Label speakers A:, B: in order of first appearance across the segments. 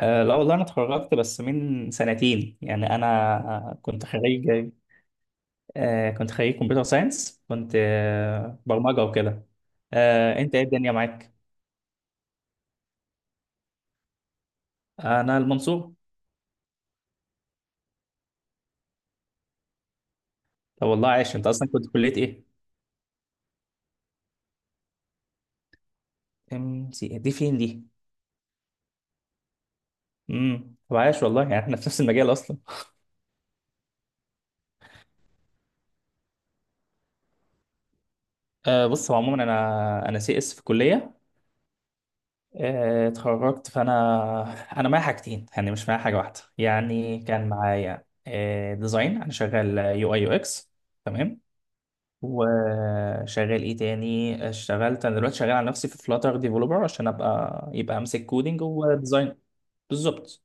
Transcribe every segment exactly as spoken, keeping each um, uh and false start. A: آه لا والله، انا اتخرجت بس من سنتين. يعني انا كنت خريج. آه، كنت خريج كمبيوتر ساينس. كنت آه برمجة وكده. آه، انت ايه الدنيا معاك؟ انا المنصور. طب والله عايش، انت اصلا كنت كلية ايه؟ ام سي إيه؟ دي فين دي؟ امم طب عايش والله، يعني احنا في نفس المجال اصلا. آه، بص، هو عموما انا انا سي اس في الكليه. آه اتخرجت، فانا انا معايا حاجتين، يعني مش معايا حاجه واحده. يعني كان معايا آه ديزاين، انا شغال يو اي يو اكس. تمام. وشغال ايه تاني؟ اشتغلت انا دلوقتي شغال على نفسي في فلاتر ديفلوبر، عشان ابقى يبقى امسك كودينج وديزاين. بالظبط.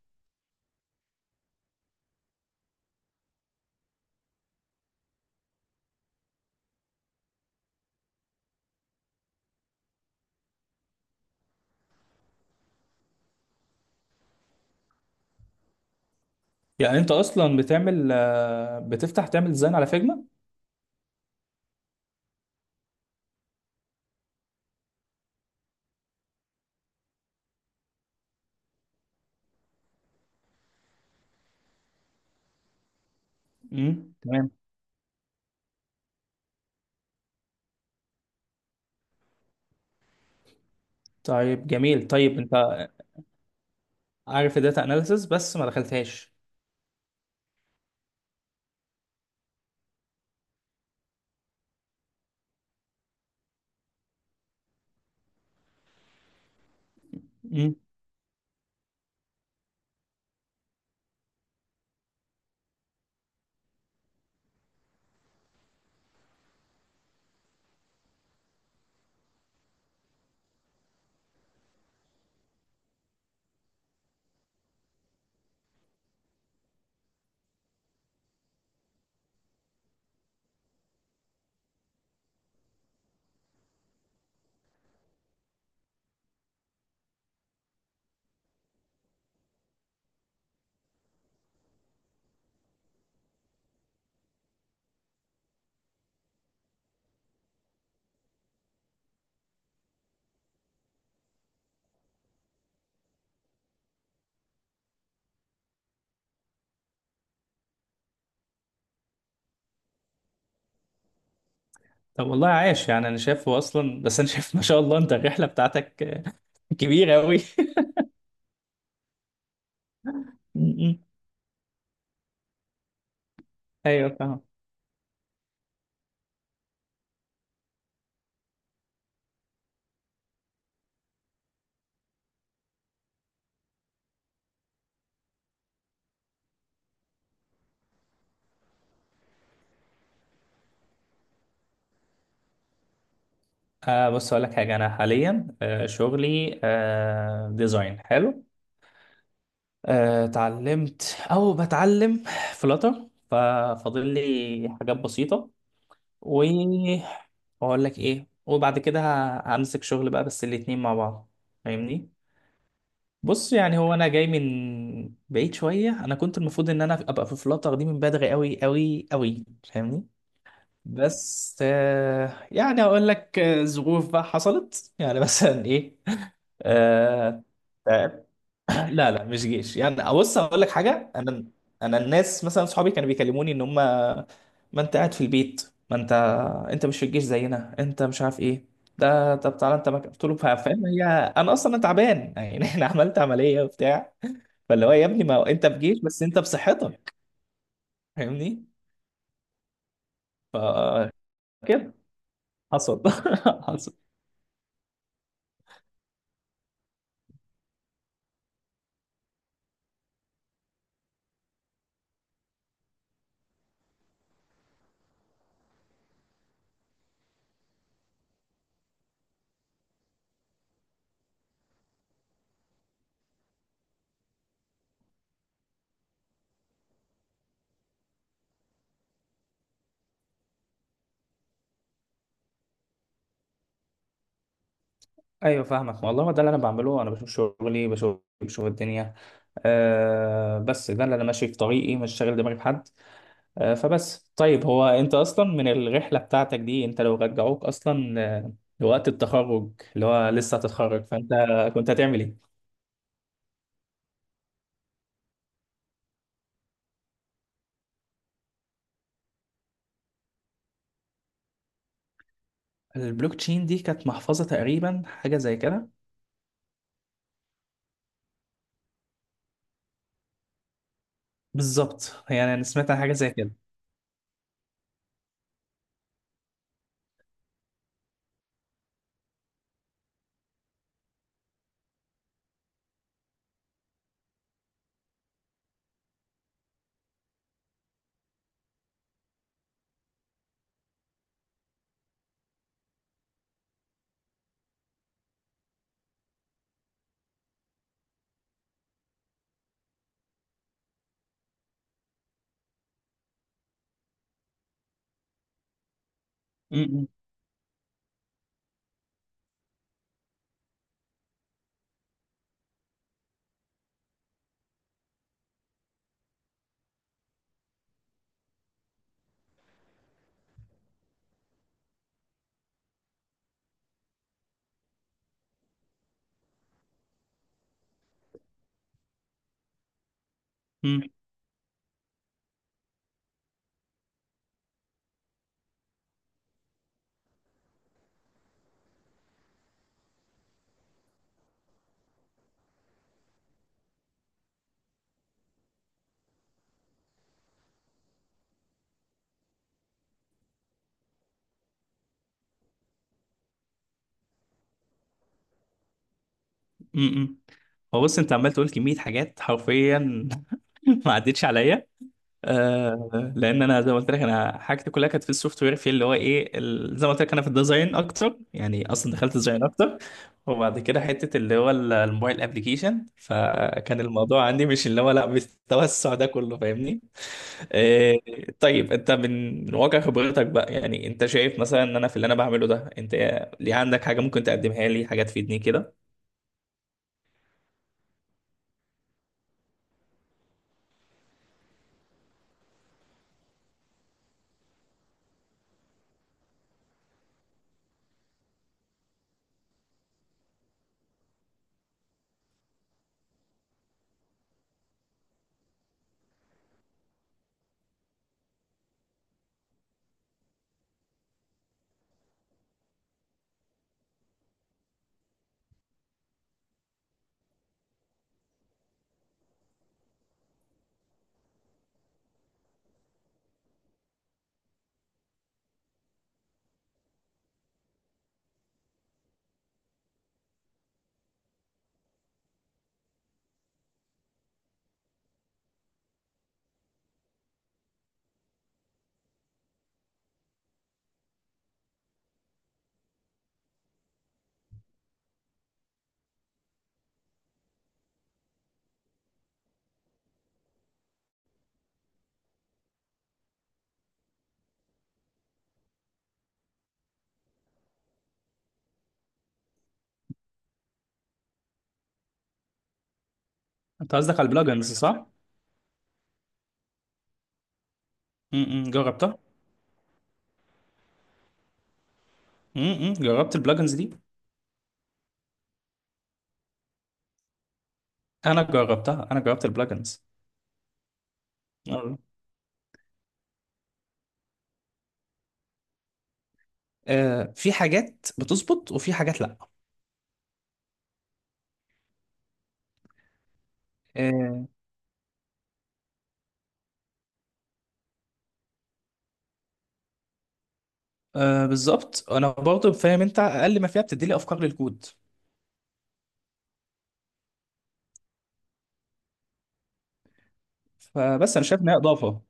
A: يعني انت اصلا بتعمل آه، بتفتح تعمل ديزاين على فيجما؟ امم تمام. طيب جميل، طيب انت. عارف الداتا اناليسز، بس ما دخلتهاش. امم. طب والله عاش، يعني انا شايفه اصلا. بس انا شايف ما شاء الله، انت الرحله بتاعتك آه، كبيره قوي. ايوه فاهم. آه، بص، اقول لك حاجه. انا حاليا آه شغلي آه ديزاين حلو. آه، اتعلمت او بتعلم فلاتر، ففاضل لي حاجات بسيطة. واقول لك ايه، وبعد كده ه- همسك شغل بقى، بس الاتنين مع بعض. فاهمني. بص يعني هو انا جاي من بعيد شوية، انا كنت المفروض ان انا ابقى في فلاتر دي من بدري قوي قوي قوي. فاهمني. بس آه، يعني اقول لك آه، ظروف بقى حصلت يعني مثلا ايه. آه، لا لا، مش جيش يعني. بص، هقول لك حاجه انا انا الناس مثلا صحابي كانوا بيكلموني ان هم ما انت قاعد في البيت، ما انت انت مش في الجيش زينا، انت مش عارف ايه. ده طب تعالى، انت مك... قلت له فا- فاهم هي. انا اصلا أنا تعبان يعني انا عملت عمليه وبتاع. فاللي هو، يا ابني ما هو انت في جيش بس انت بصحتك. فاهمني. ف كده حصل. حصل. ايوه فاهمك والله، ده اللي انا بعمله، انا بشوف شغلي، بشوف بشوف الدنيا. أه بس ده اللي انا ماشي في طريقي، مش شاغل دماغي بحد. آه، فبس طيب، هو انت اصلا من الرحله بتاعتك دي، انت لو رجعوك اصلا آه، لوقت التخرج اللي هو لسه هتتخرج، فانت كنت هتعمل ايه؟ البلوك تشين دي كانت محفظه تقريبا، حاجه زي كده. بالظبط، يعني انا سمعت عن حاجه زي كده. م- م- م- م- م. هو بص، انت عمال تقول كميه حاجات حرفيا ما عدتش عليا. آه لان انا زي ما قلت لك، انا حاجتي كلها كانت في السوفت وير في اللي هو ايه ال- زي ما قلت لك انا في الديزاين اكتر يعني، اصلا دخلت ديزاين اكتر. وبعد كده حته اللي هو ال- الموبايل ابلكيشن، فكان الموضوع عندي مش اللي هو لا بالتوسع ده كله، فاهمني. آه. طيب، انت من من واقع خبرتك بقى، يعني انت شايف مثلا ان انا في اللي انا بعمله ده، انت ليه عندك حاجه ممكن تقدمها لي، حاجه تفيدني كده. انت قصدك على البلجنز، صح؟ م- م، جربتها. م- م، جربت البلجنز دي. انا جربتها، انا جربت البلجنز. آه. آه، في حاجات بتظبط وفي حاجات لا. آه، آه، بالظبط، انا برضه فاهم، انت اقل ما فيها بتدي لي افكار للكود. فبس انا شايف ان هي اضافه.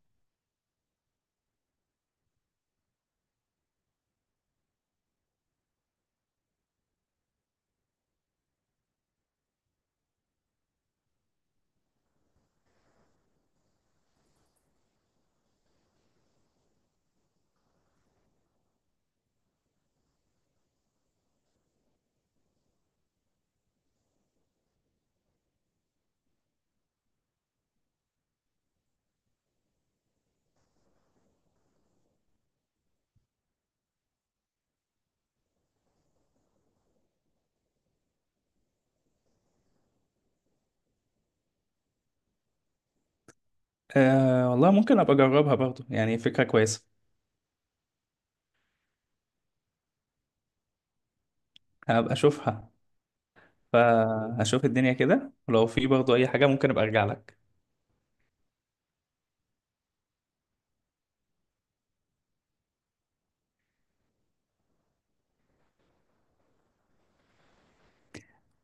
A: آه، والله ممكن ابقى اجربها برضه، يعني فكره كويسه. هبقى اشوفها، فهشوف الدنيا كده، ولو في برضه اي حاجه ممكن ابقى ارجع لك.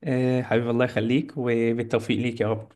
A: آه، حبيبي الله يخليك وبالتوفيق ليك يا رب.